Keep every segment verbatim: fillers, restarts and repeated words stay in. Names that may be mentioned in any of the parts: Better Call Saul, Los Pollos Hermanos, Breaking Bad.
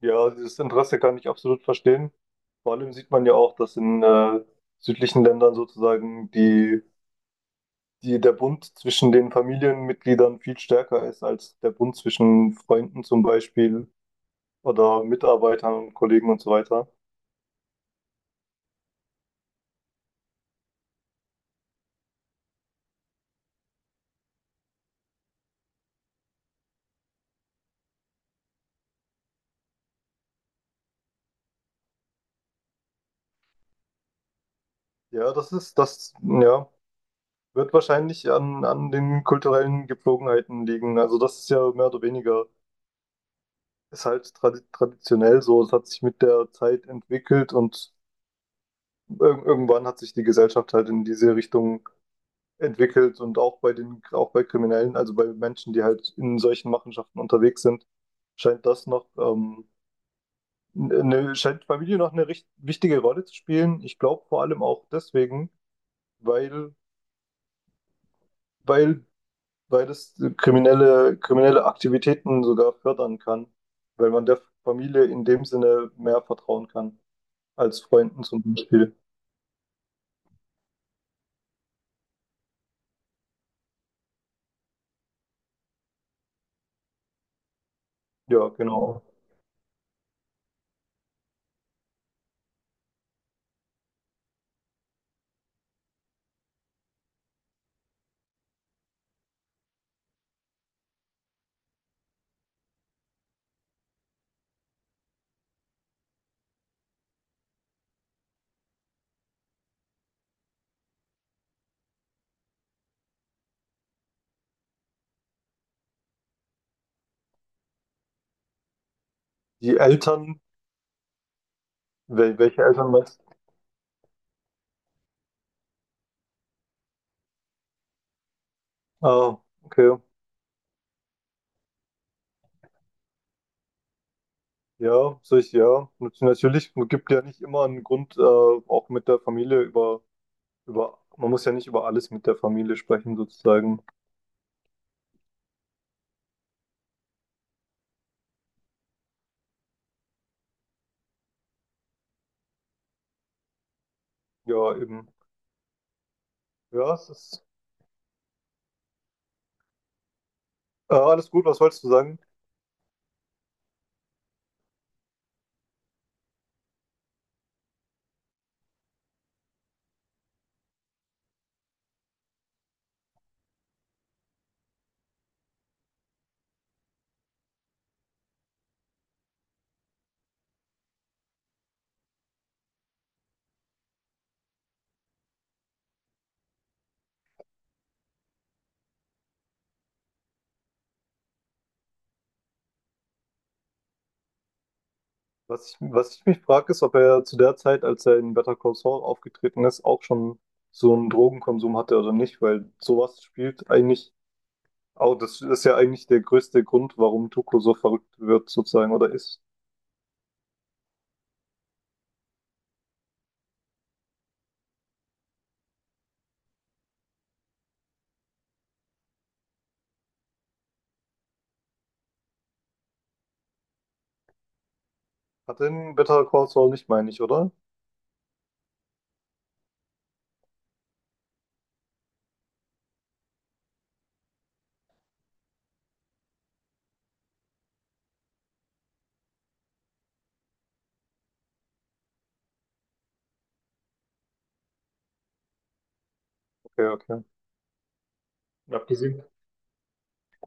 Ja, dieses Interesse kann ich absolut verstehen. Vor allem sieht man ja auch, dass in äh, südlichen Ländern sozusagen die, die, der Bund zwischen den Familienmitgliedern viel stärker ist als der Bund zwischen Freunden zum Beispiel oder Mitarbeitern und Kollegen und so weiter. Ja, das ist, das, ja, wird wahrscheinlich an, an den kulturellen Gepflogenheiten liegen. Also das ist ja mehr oder weniger, ist halt tradi traditionell so. Es hat sich mit der Zeit entwickelt und irg- irgendwann hat sich die Gesellschaft halt in diese Richtung entwickelt und auch bei den, auch bei Kriminellen, also bei Menschen, die halt in solchen Machenschaften unterwegs sind, scheint das noch, ähm, eine, scheint Familie noch eine recht wichtige Rolle zu spielen. Ich glaube vor allem auch deswegen, weil, weil, weil es kriminelle, kriminelle Aktivitäten sogar fördern kann, weil man der Familie in dem Sinne mehr vertrauen kann als Freunden zum Beispiel. Ja, genau. Die Eltern, wel- welche Eltern meinst du? Ah, okay. Ja, sehe ja. Nat- Natürlich, man gibt ja nicht immer einen Grund, äh, auch mit der Familie über, über, man muss ja nicht über alles mit der Familie sprechen, sozusagen. Ja, eben. Ja, es ist äh, Alles gut, was wolltest du sagen? Was ich, was ich mich frage, ist, ob er zu der Zeit, als er in Better Call Saul aufgetreten ist, auch schon so einen Drogenkonsum hatte oder nicht, weil sowas spielt eigentlich auch, das ist ja eigentlich der größte Grund, warum Tuco so verrückt wird, sozusagen, oder ist. Hat er in Better Call Saul nicht, meine ich, oder? Okay, okay. Abgesehen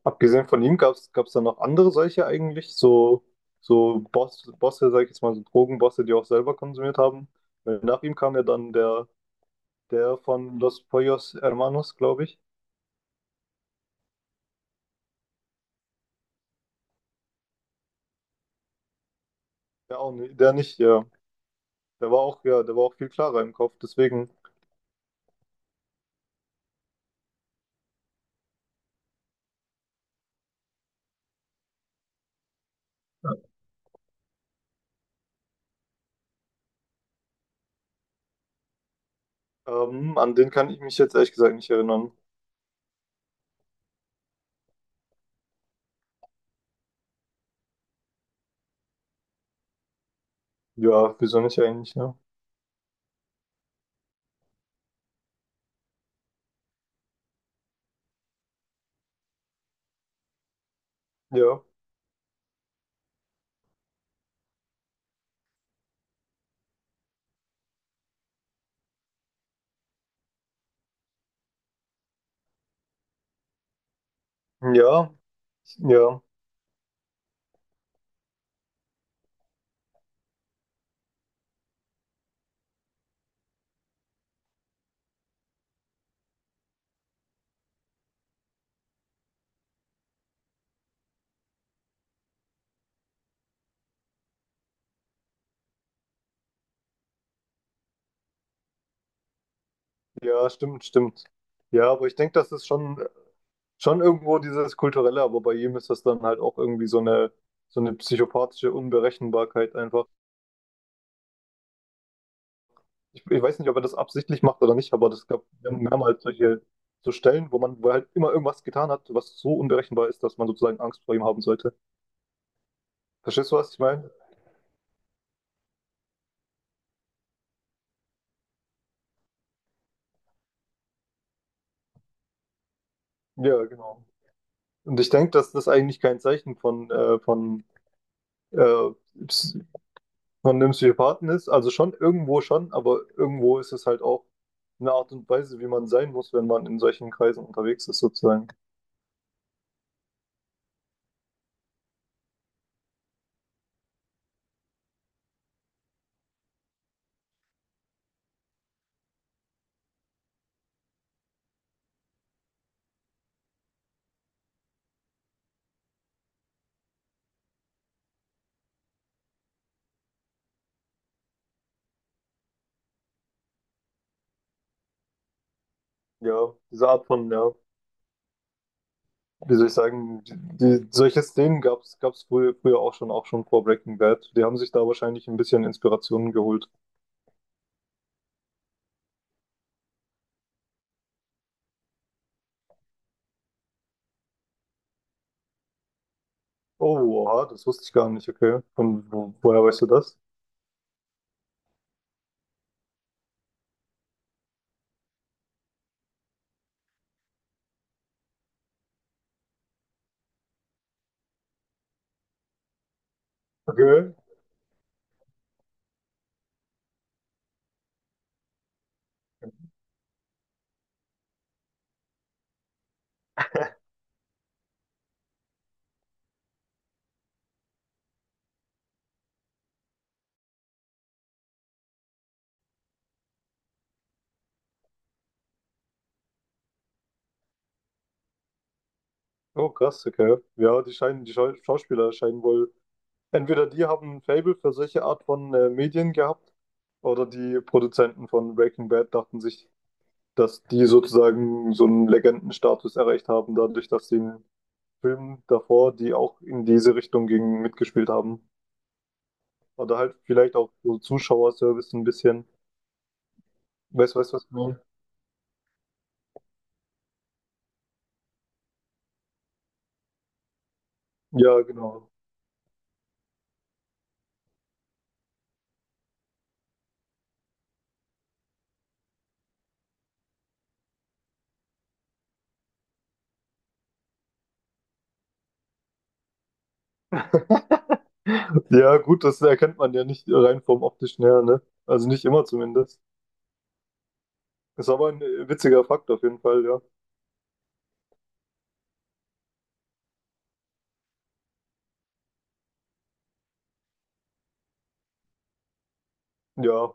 Abgesehen von ihm gab es gab es da noch andere solche eigentlich, so, so Boss, Bosse, sag ich jetzt mal, so Drogenbosse, die auch selber konsumiert haben. Weil nach ihm kam ja dann der, der von Los Pollos Hermanos, glaube ich. Ja, auch nicht, der nicht, ja. Der war auch, ja, der war auch viel klarer im Kopf. Deswegen, ähm, an den kann ich mich jetzt ehrlich gesagt nicht erinnern. Ja, wieso nicht eigentlich, ne? Ja. Ja. Ja. Ja, stimmt, stimmt. Ja, aber ich denke, das ist schon, schon irgendwo dieses Kulturelle, aber bei jedem ist das dann halt auch irgendwie so eine, so eine psychopathische Unberechenbarkeit einfach. Ich, ich weiß nicht, ob er das absichtlich macht oder nicht, aber das gab mehrmals solche so Stellen, wo man, wo er halt immer irgendwas getan hat, was so unberechenbar ist, dass man sozusagen Angst vor ihm haben sollte. Verstehst du, was ich meine? Ja, genau. Und ich denke, dass das eigentlich kein Zeichen von, äh, von äh, von einem Psychopathen ist, also schon irgendwo schon, aber irgendwo ist es halt auch eine Art und Weise, wie man sein muss, wenn man in solchen Kreisen unterwegs ist, sozusagen. Ja, diese Art von, ja, wie soll ich sagen, die, die, solche Szenen gab es gab's früher, früher auch schon, auch schon vor Breaking Bad. Die haben sich da wahrscheinlich ein bisschen Inspirationen geholt. Oh, oha, das wusste ich gar nicht, okay. Von wo, woher weißt du das? Okay. Oh, krass, okay. Ja, die scheinen, die Schau- Schauspieler scheinen wohl entweder die haben ein Faible für solche Art von äh, Medien gehabt oder die Produzenten von Breaking Bad dachten sich, dass die sozusagen so einen Legendenstatus erreicht haben, dadurch, dass sie in Filmen davor, die auch in diese Richtung gingen, mitgespielt haben. Oder halt vielleicht auch so Zuschauerservice ein bisschen. Weißt du, weißt du, was ich meine? Ja, genau. Ja, gut, das erkennt man ja nicht rein vom Optischen her, ne? Also nicht immer zumindest. Ist aber ein äh, witziger Fakt auf jeden Fall, ja. Ja.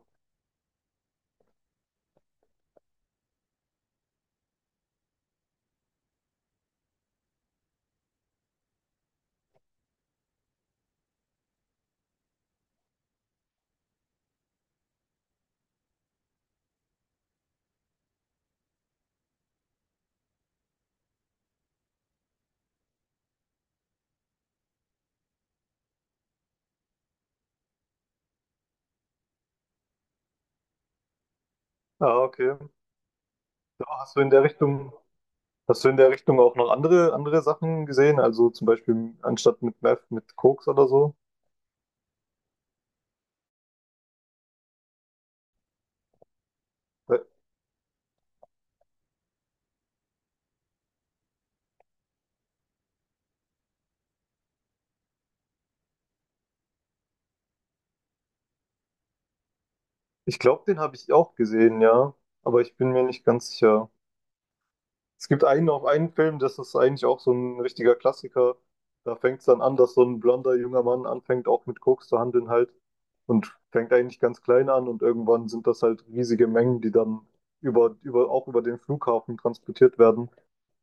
Ah, okay. Da hast du in der Richtung, hast du in der Richtung auch noch andere, andere Sachen gesehen? Also zum Beispiel anstatt mit Meth, mit Koks oder so? Weil ich glaube, den habe ich auch gesehen, ja. Aber ich bin mir nicht ganz sicher. Es gibt einen auf einen Film, das ist eigentlich auch so ein richtiger Klassiker. Da fängt es dann an, dass so ein blonder junger Mann anfängt, auch mit Koks zu handeln halt. Und fängt eigentlich ganz klein an und irgendwann sind das halt riesige Mengen, die dann über, über, auch über den Flughafen transportiert werden.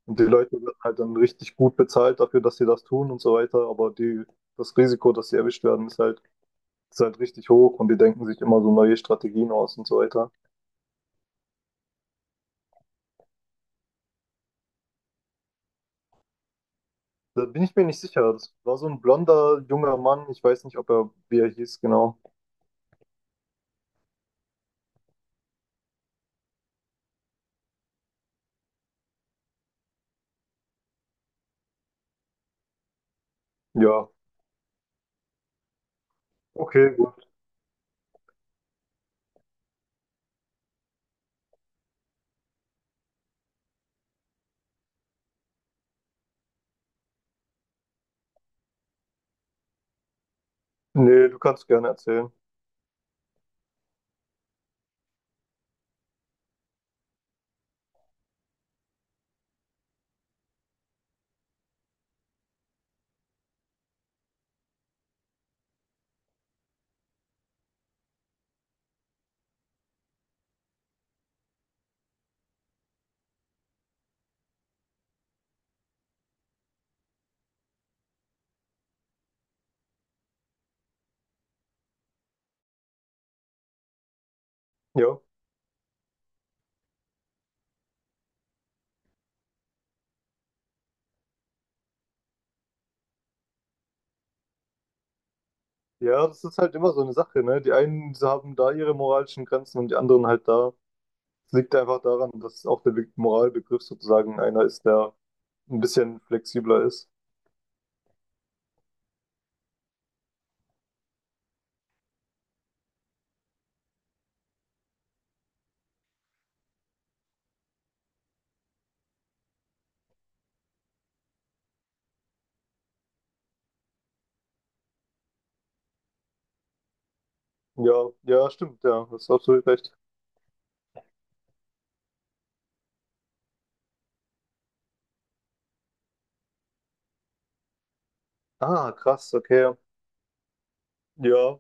Und die Leute werden halt dann richtig gut bezahlt dafür, dass sie das tun und so weiter. Aber die, das Risiko, dass sie erwischt werden, ist halt, ist halt richtig hoch und die denken sich immer so neue Strategien aus und so weiter. Da bin ich mir nicht sicher. Das war so ein blonder, junger Mann. Ich weiß nicht, ob er, wie er hieß, genau. Ja, okay, gut. Nee, du kannst gerne erzählen. Ja. Ja, das ist halt immer so eine Sache, ne? Die einen haben da ihre moralischen Grenzen und die anderen halt da. Es liegt einfach daran, dass auch der Be- Moralbegriff sozusagen einer ist, der ein bisschen flexibler ist. Ja, ja, stimmt, ja, hast absolut recht. Ah, krass, okay. Ja,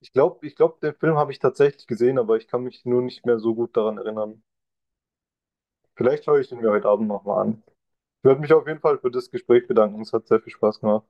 ich glaube, ich glaube, den Film habe ich tatsächlich gesehen, aber ich kann mich nur nicht mehr so gut daran erinnern. Vielleicht schaue ich den mir heute Abend nochmal an. Ich werde mich auf jeden Fall für das Gespräch bedanken. Es hat sehr viel Spaß gemacht.